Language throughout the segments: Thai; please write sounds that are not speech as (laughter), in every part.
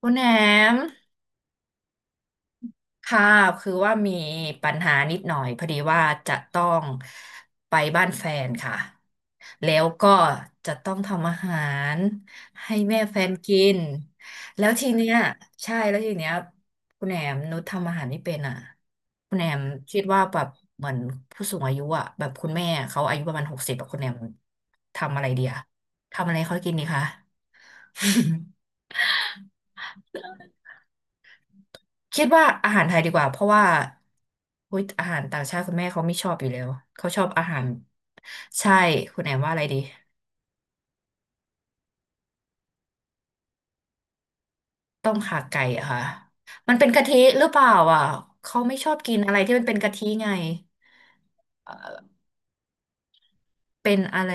คุณแหนมค่ะคือว่ามีปัญหานิดหน่อยพอดีว่าจะต้องไปบ้านแฟนค่ะแล้วก็จะต้องทำอาหารให้แม่แฟนกินแล้วทีเนี้ยใช่แล้วทีเนี้ยคุณแหนมนุชทำอาหารไม่เป็นอ่ะคุณแหนมคิดว่าแบบเหมือนผู้สูงอายุอ่ะแบบคุณแม่เขาอายุประมาณหกสิบแบบคุณแหนมทำอะไรดีอะทำอะไรให้เขากินดีคะ (laughs) คิดว่าอาหารไทยดีกว่าเพราะว่าอุ๊ยอาหารต่างชาติคุณแม่เขาไม่ชอบอยู่แล้วเขาชอบอาหารใช่คุณแอมว่าอะไรดีต้มข่าไก่อะค่ะมันเป็นกะทิหรือเปล่าอ่ะเขาไม่ชอบกินอะไรที่มันเป็นกะทิไงเออเป็นอะไร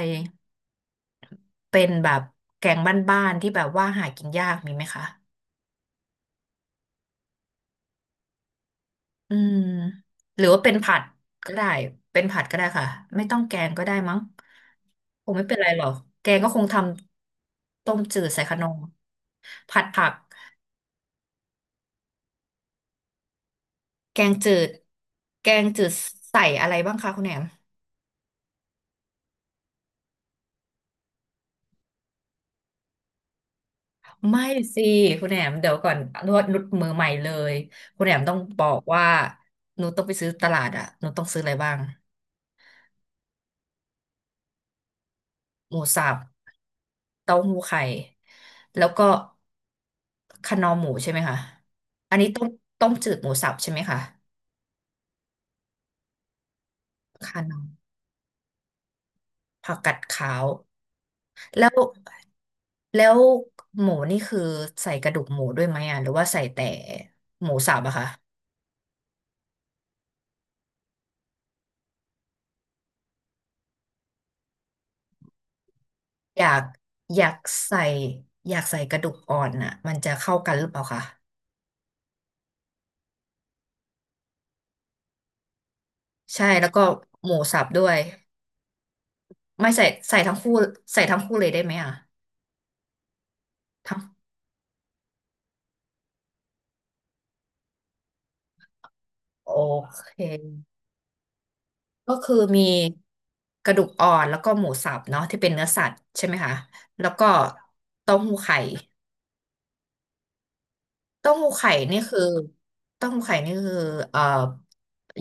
เป็นแบบแกงบ้านๆที่แบบว่าหากินยากมีไหมคะ อืมหรือว่าเป็นผัดก็ได้เป็นผัดก็ได้ค่ะไม่ต้องแกงก็ได้มั้งคงไม่เป็นไรหรอกแกงก็คงทำต้มจืดใส่ขนมผัดผักแกงจืดแกงจืดใส่อะไรบ้างคะคุณแหนมไม่สิคุณแหนมเดี๋ยวก่อนนวดนุดมือใหม่เลยคุณแหนมต้องบอกว่าหนูต้องไปซื้อตลาดอ่ะหนูต้องซื้ออะไรบ้าง หมูสับเต้าหู้ไข่แล้วก็คะนอหมูใช่ไหมคะอันนี้ต้มจืดหมูสับใช่ไหมคะคะนอผักกัดขาวแล้วแล้วหมูนี่คือใส่กระดูกหมูด้วยไหมอ่ะหรือว่าใส่แต่หมูสับอะคะอยากอยากใส่อยากใส่กระดูกอ่อนน่ะมันจะเข้ากันหรือเปล่าคะใช่แล้วก็หมูสับด้วยไม่ใส่ใส่ทั้งคู่ใส่ทั้งคู่เลยได้ไหมอ่ะทั้งโอเค ก็คือมีกระดูกอ่อนแล้วก็หมูสับเนาะที่เป็นเนื้อสัตว์ใช่ไหมคะแล้วก็เต้าหู้ไข่เต้าหู้ไข่นี่คือเต้าหู้ไข่นี่คือเอ่อ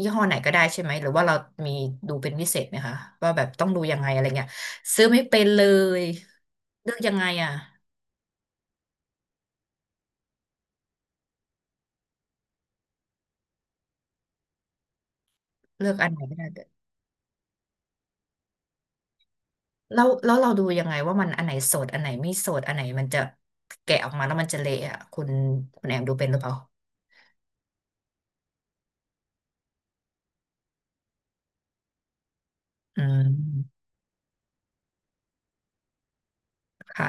ยี่ห้อไหนก็ได้ใช่ไหมหรือว่าเรามีดูเป็นพิเศษไหมคะว่าแบบต้องดูยังไงอะไรเงี้ยซื้อไม่เป็นเลยเลือกยังไงอะเลือกอันไหนไม่ได้เลยแล้วเราดูยังไงว่ามันอันไหนสดอันไหนไม่สดอันไหนมันจะแกะออกมาแล้วมันจะเละอะคุณแอมดูเป็นหรือเปล่าอืมค่ะ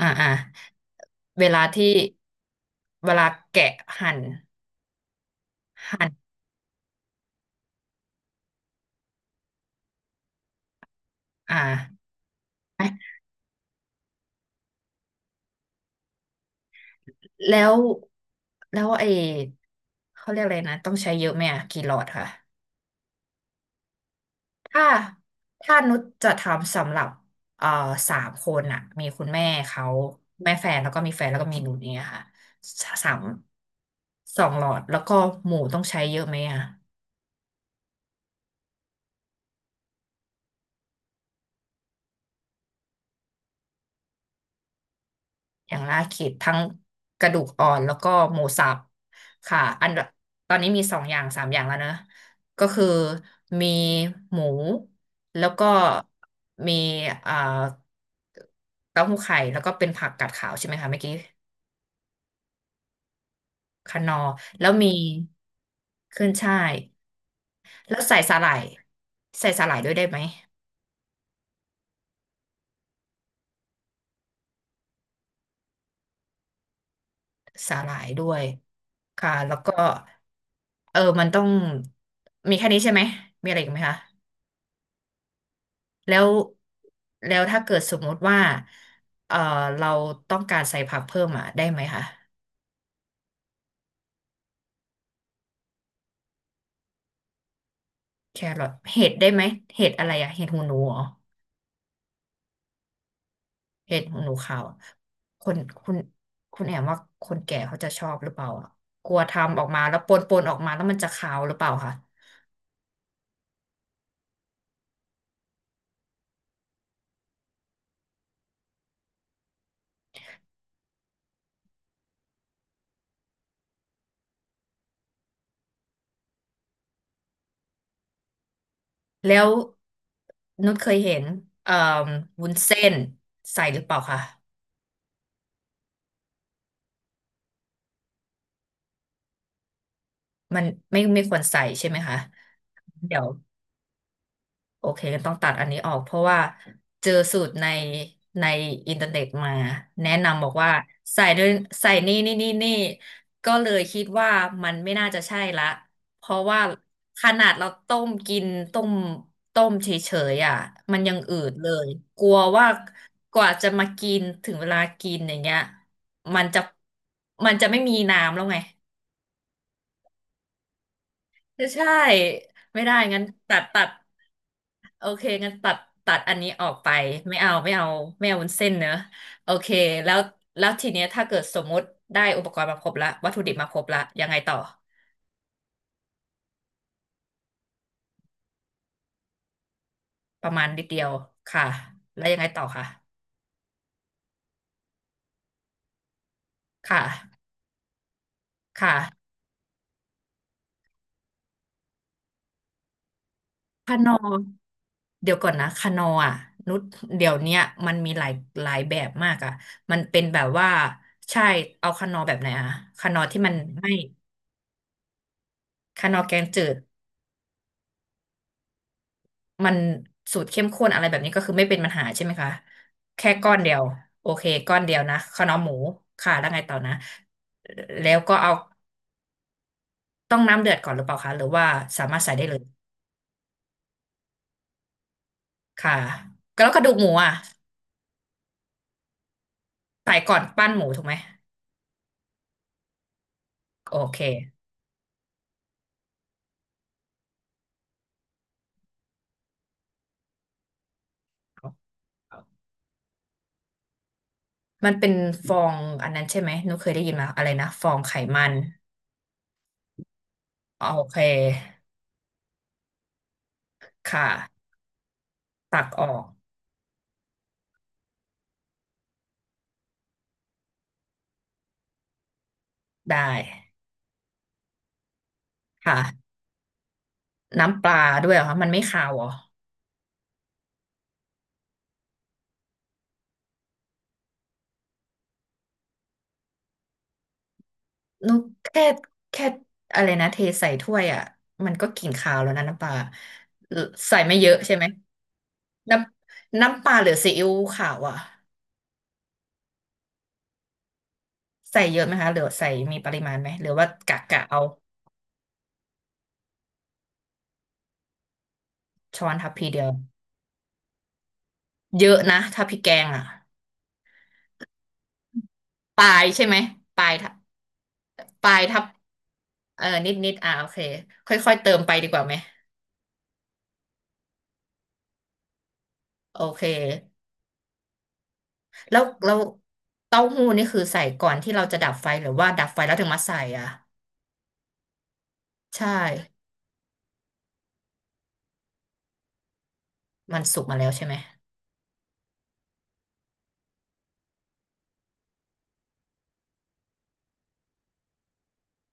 อ่าอ่าเวลาที่เวลาแกะหั่นหั่นอ่าแล้วแล้วไอ้เขาเรียกอะไรนะต้องใช้เยอะไหมอ่ะกี่หลอดค่ะถ้าถ้านุชจะทำสำหรับเอ่อสามคนอะมีคุณแม่เขาแม่แฟนแล้วก็มีแฟนแล้วก็มีหนูเนี่ยค่ะสามสองหลอดแล้วก็หมูต้องใช้เยอะไหมอะ อย่างล่าเขตทั้งกระดูกอ่อนแล้วก็หมูสับค่ะอันตอนนี้มีสองอย่างสามอย่างแล้วนะก็คือมีหมูแล้วก็มีเอ่อเต้าหู้ไข่แล้วก็เป็นผักกาดขาวใช่ไหมคะเมื่อกี้คะนอร์แล้วมีขึ้นช่ายแล้วใส่สาหร่ายใส่สาหร่ายด้วยได้ไหมสาหร่ายด้วยค่ะแล้วก็เออมันต้องมีแค่นี้ใช่ไหมมีอะไรอีกไหมคะ แล้วแล้วถ้าเกิดสมมติว่าเอ่อเราต้องการใส่ผักเพิ่มอ่ะได้ไหมคะแครอทเห็ดได้ไหมเห็ดอะไรอะเห็ดหูหนูเหรอเห็ดหูหนูขาวอะคนคุณคุณแอมว่าคนแก่เขาจะชอบหรือเปล่าอะกลัวทำออกมาแล้วปนออกมาแล้วมันจะขาวหรือเปล่าคะแล้วนุชเคยเห็นเอ่อวุ้นเส้นใส่หรือเปล่าคะมันไม่ควรใส่ใช่ไหมคะเดี๋ยว โอเคต้องตัดอันนี้ออกเพราะว่าเจอสูตรในอินเทอร์เน็ตมาแนะนำบอกว่าใส่ด้วยใส่นี่ก็เลยคิดว่ามันไม่น่าจะใช่ละเพราะว่าขนาดเราต้มกินต้มต้มเฉยๆอ่ะมันยังอืดเลยกลัวว่ากว่าจะมากินถึงเวลากินอย่างเงี้ยมันจะไม่มีน้ำแล้วไงใช่ไม่ได้งั้นตัด โอเคงั้นตัดอันนี้ออกไปไม่เอาไม่เอาวุ้นเส้นเนอะโอเคแล้วแล้วทีเนี้ยถ้าเกิดสมมุติได้อุปกรณ์มาครบละวัตถุดิบมาครบละยังไงต่อประมาณนิดเดียวค่ะแล้วยังไงต่อค่ะค่ะค่ะคานอเดี๋ยวก่อนนะคานออ่ะนุชเดี๋ยวเนี้ยมันมีหลายแบบมากอ่ะมันเป็นแบบว่าใช่เอาคานอแบบไหนอ่ะคานอที่มันไม่คานอแกงจืด มันสูตรเข้มข้นอะไรแบบนี้ก็คือไม่เป็นปัญหาใช่ไหมคะแค่ก้อนเดียวโอเคก้อนเดียวนะข้าวเหนียวหมูค่ะแล้วไงต่อนะแล้วก็เอาต้องน้ำเดือดก่อนหรือเปล่าคะหรือว่าสามารถใส่ได้เลยค่ะแล้วกระดูกหมูอ่ะใส่ก่อนปั้นหมูถูกไหมโอเคมันเป็นฟองอันนั้นใช่ไหมหนูเคยได้ยินมาอะไรนะฟองไขมันโอเคค่ะตักออกได้ค่ะน้ำปลาด้วยเหรอคะมันไม่คาวเหรอ นุกแค่แค่อะไรนะเทใส่ถ้วยอ่ะมันก็กลิ่นคาวแล้วนะน้ำปลาเออใส่ไม่เยอะใช่ไหมน้ำน้ำปลาหรือซีอิ๊วขาวอ่ะใส่เยอะไหมคะหรือใส่มีปริมาณไหมหรือว่ากะกะเอาช้อนทัพพีเดียวเยอะนะถ้าพริกแกงอ่ะปลายใช่ไหมปลายทับปลายทับเออนิดนิดอ่ะโอเคค่อยๆเติมไปดีกว่าไหมโอเคแล้วเราวเต้าหู้นี่คือใส่ก่อนที่เราจะดับไฟหรือว่าดับไฟแล้วถึงมาใส่อ่ะใช่มันสุกมาแล้วใช่ไหม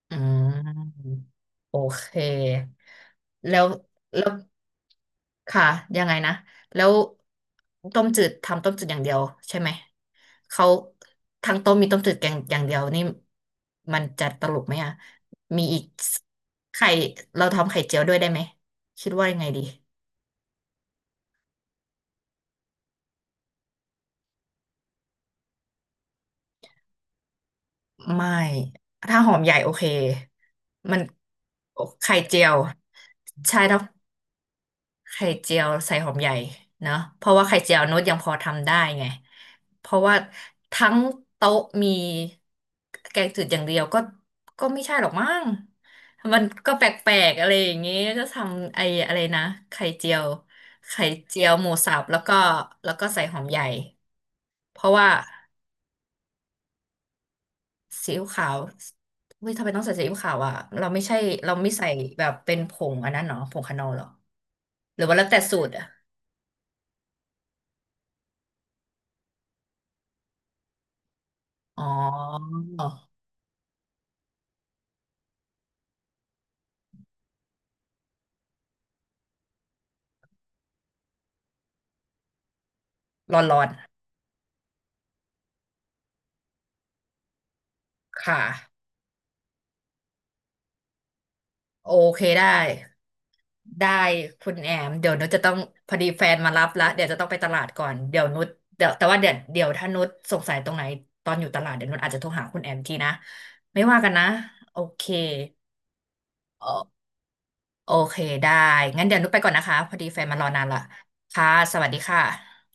อ่าโอเคแล้วแล้วค่ะยังไงนะแล้วต้มจืดทำต้มจืดอย่างเดียวใช่ไหมเขาทั้งต้มมีต้มจืดแกงอย่างเดียวนี่มันจะตลกไหมอ่ะมีอีกไข่เราทำไข่เจียวด้วยได้ไหมคิดว่ายังไงดีไม่ถ้าหอมใหญ่โอเคมันไข่เจียวใช่ถ้า ไข่เจียวใส่หอมใหญ่เนอะเพราะว่าไข่เจียวนุชยังพอทำได้ไงเพราะว่าทั้งโต๊ะมีแกงจืดอย่างเดียวก็ก็ไม่ใช่หรอกมั้งมันก็แปลกๆอะไรอย่างงี้ก็ทำไอ้อะไรนะไข่เจียวไข่เจียวหมูสับแล้วก็แล้วก็ใส่หอมใหญ่เพราะว่าซีอิ๊วขาวเฮ้ยทำไมต้องใส่ซีอิ๊วขาวอ่ะเราไม่ใช่เราไม่ใส่แบบเป็นผงอันนั้นเนาะผงคานอลเหรอหรือว่าแล้วแต่สูตรอ่ะอ๋อ ร้อนๆ ค่ะ โอเคได้ ได้คุณแอมเดี๋ยวนุชจะต้องพอดีแฟนมารับละเดี๋ยวจะต้องไปตลาดก่อน เดี๋ยวนุชเดี๋ยวแต่ว่าเดี๋ยวเดี๋ยวถ้านุชสงสัยตรงไหนตอนอยู่ตลาดเดี๋ยวนุชอาจจะโทรหาคุณแอมทีนะไม่ว่ากันนะโอเคโอโอเคได้งั้นเดี๋ยวนุชไปก่อนนะคะพอดีแฟนมารอนานละค่ะสวัสดีค่ะ